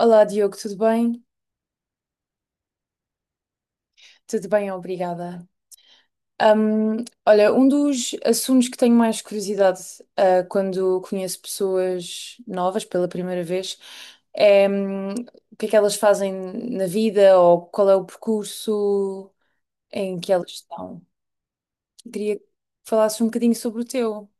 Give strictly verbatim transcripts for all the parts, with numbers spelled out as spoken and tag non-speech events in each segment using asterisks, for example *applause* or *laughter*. Olá, Diogo, tudo bem? Tudo bem, obrigada. Hum, olha, um dos assuntos que tenho mais curiosidade, ah, quando conheço pessoas novas pela primeira vez é, hum, o que é que elas fazem na vida ou qual é o percurso em que elas estão. Queria que falasses um bocadinho sobre o teu.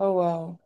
Oh, uau,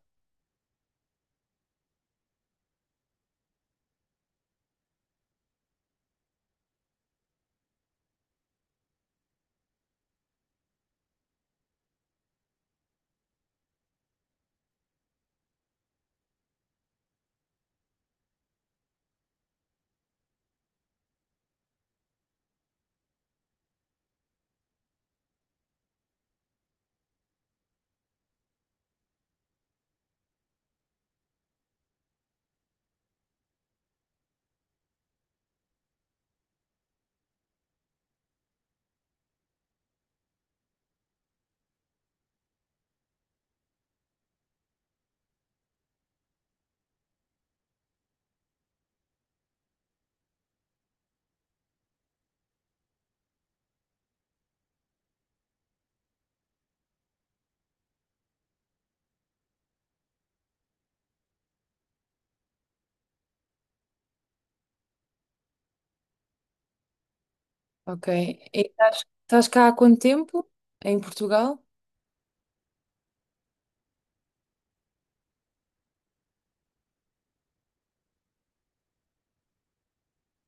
ok. E estás, estás cá há quanto tempo? Em Portugal?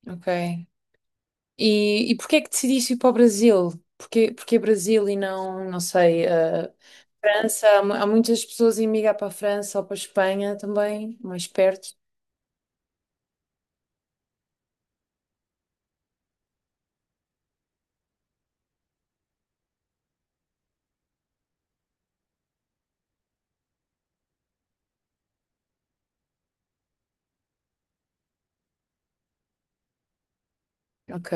Ok. E, e porquê é que decidiste ir para o Brasil? Porquê, porquê Brasil e não, não sei, eh, França? Há, mu- há muitas pessoas a emigrar para a França ou para a Espanha também, mais perto. Ok.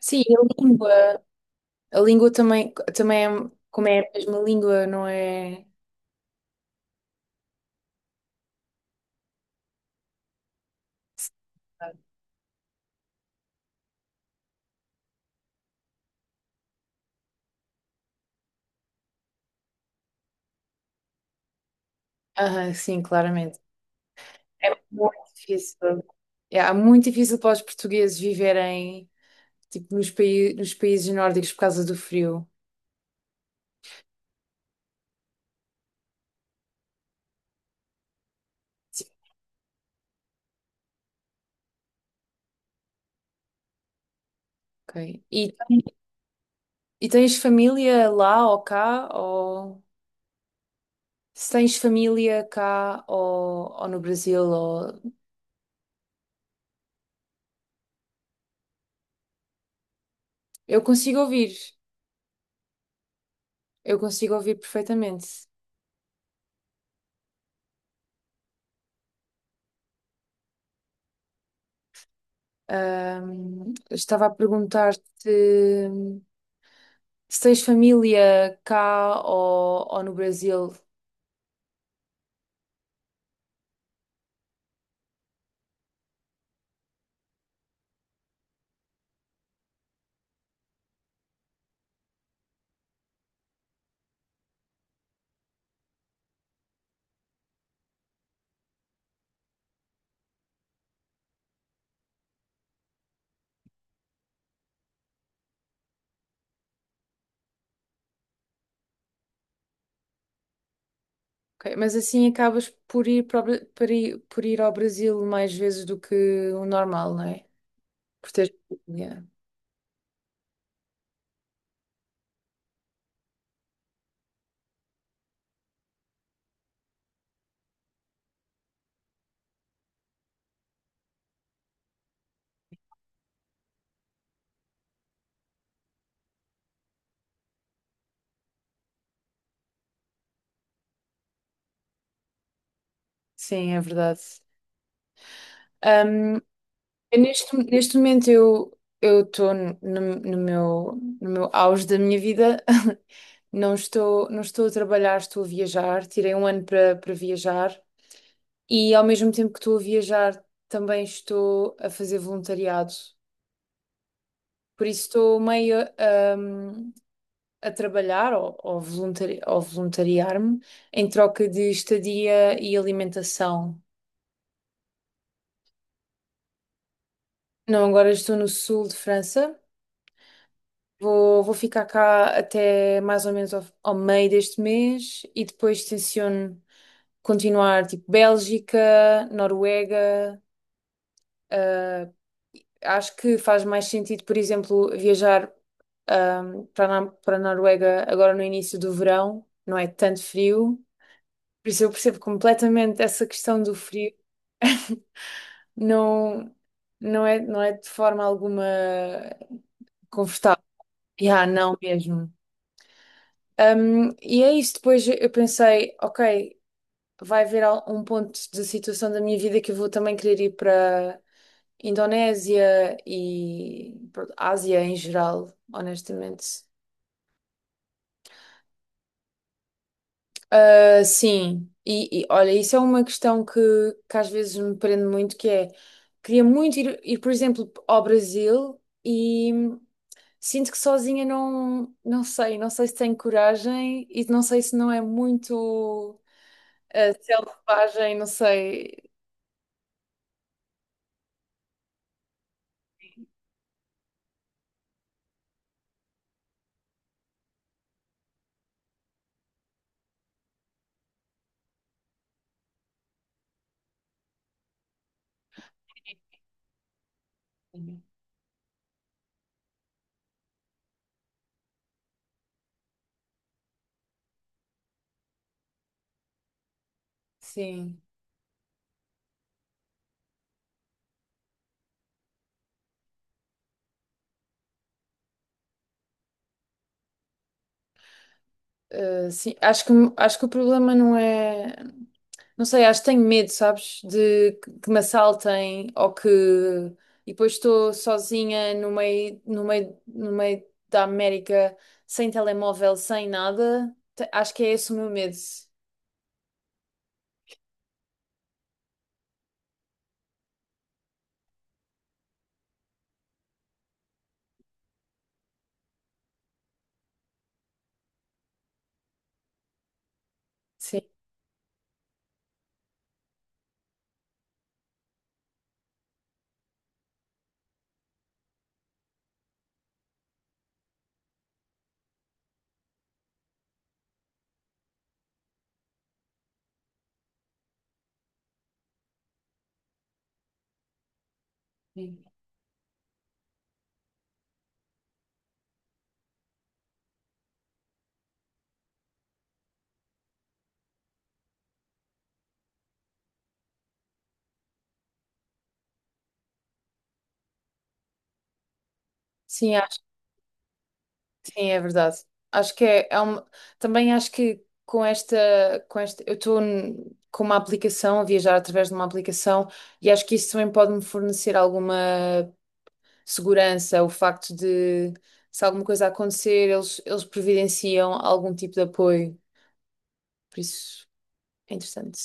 Sim, e a língua, a língua também, também é, como é a mesma língua, não é? Aham, sim, claramente. É muito difícil. É, é muito difícil para os portugueses viverem tipo, nos, pai- nos países nórdicos por causa do frio. Sim, ok. E E tens família lá ou cá? Ou se tens família cá ou, ou no Brasil? Ou... Eu consigo ouvir, eu consigo ouvir perfeitamente. Ahm, estava a perguntar-te se tens família cá ou, ou no Brasil. Ok, mas assim acabas por ir, para o Bra- para ir- por ir ao Brasil mais vezes do que o normal, não é? Por teres família. Sim, é verdade. Eu Neste, neste momento eu eu estou no, no meu no meu auge da minha vida. *laughs* Não estou não estou a trabalhar, estou a viajar. Tirei um ano para para viajar e ao mesmo tempo que estou a viajar também estou a fazer voluntariado. Por isso estou meio hum, a trabalhar ou, ou, voluntari, ou voluntariar-me em troca de estadia e alimentação. Não, agora estou no sul de França. Vou, vou ficar cá até mais ou menos ao, ao meio deste mês e depois tenciono continuar tipo Bélgica, Noruega. ah, Acho que faz mais sentido, por exemplo, viajar ahm, para a Na- para a Noruega agora no início do verão, não é tanto frio. Por isso eu percebo completamente essa questão do frio. *laughs* Não, não é, não é de forma alguma confortável. Yeah, não mesmo. Um, e é isso. Depois eu pensei, ok, vai haver al- um ponto de situação da minha vida que eu vou também querer ir para Indonésia e pronto, Ásia em geral, honestamente. Ah, sim, e, e, olha, isso é uma questão que, que às vezes me prende muito, que é, queria muito ir, ir, por exemplo, ao Brasil e sinto que sozinha não, não sei, não sei se tenho coragem e não sei se não é muito. Uh, selvagem, não sei. Sim. Uh, sim. Acho que, acho que o problema não é. Não sei, acho que tenho medo, sabes? De que que me assaltem ou que. E depois estou sozinha no meio, no meio, no meio da América, sem telemóvel, sem nada. Te- Acho que é esse o meu medo. Sim. Sim, Sim, é verdade. Acho que é, é uma... Também acho que com esta, com esta, eu estou n- com uma aplicação, a viajar através de uma aplicação, e acho que isso também pode me fornecer alguma segurança, o facto de se alguma coisa acontecer, eles, eles providenciam algum tipo de apoio. Por isso é interessante.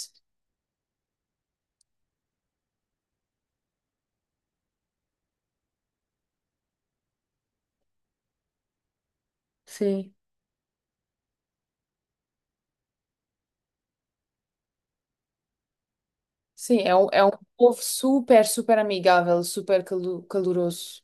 Sim. Sim, é um, é um povo super, super amigável, super calu- caloroso.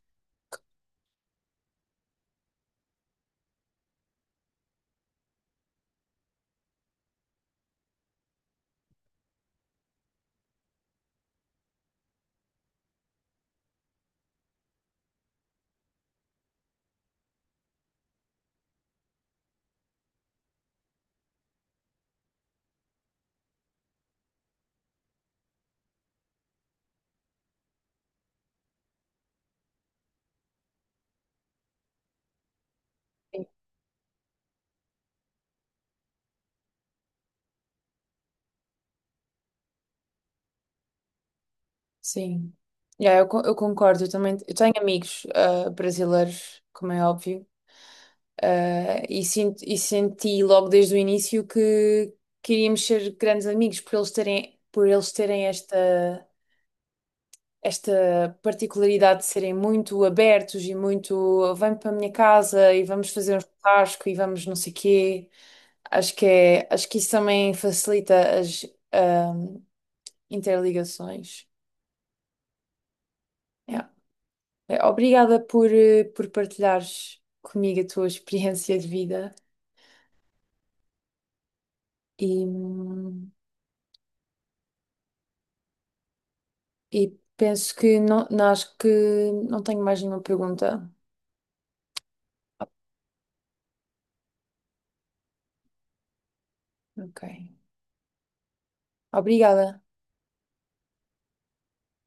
Sim. Yeah, eu, co- eu concordo, eu também eu tenho amigos ah, brasileiros, como é óbvio, ah, e, sinto, e senti logo desde o início que queríamos ser grandes amigos por eles terem, por eles terem esta, esta particularidade de serem muito abertos e muito vem para a minha casa e vamos fazer um churrasco e vamos não sei quê. Acho que é, acho que isso também facilita as ah, interligações. Yeah. Eh, Obrigada por, eh, por partilhares comigo a tua *laughs* experiência de vida e, hum, e penso que não, não- acho que não tenho mais nenhuma pergunta. Ok. Obrigada.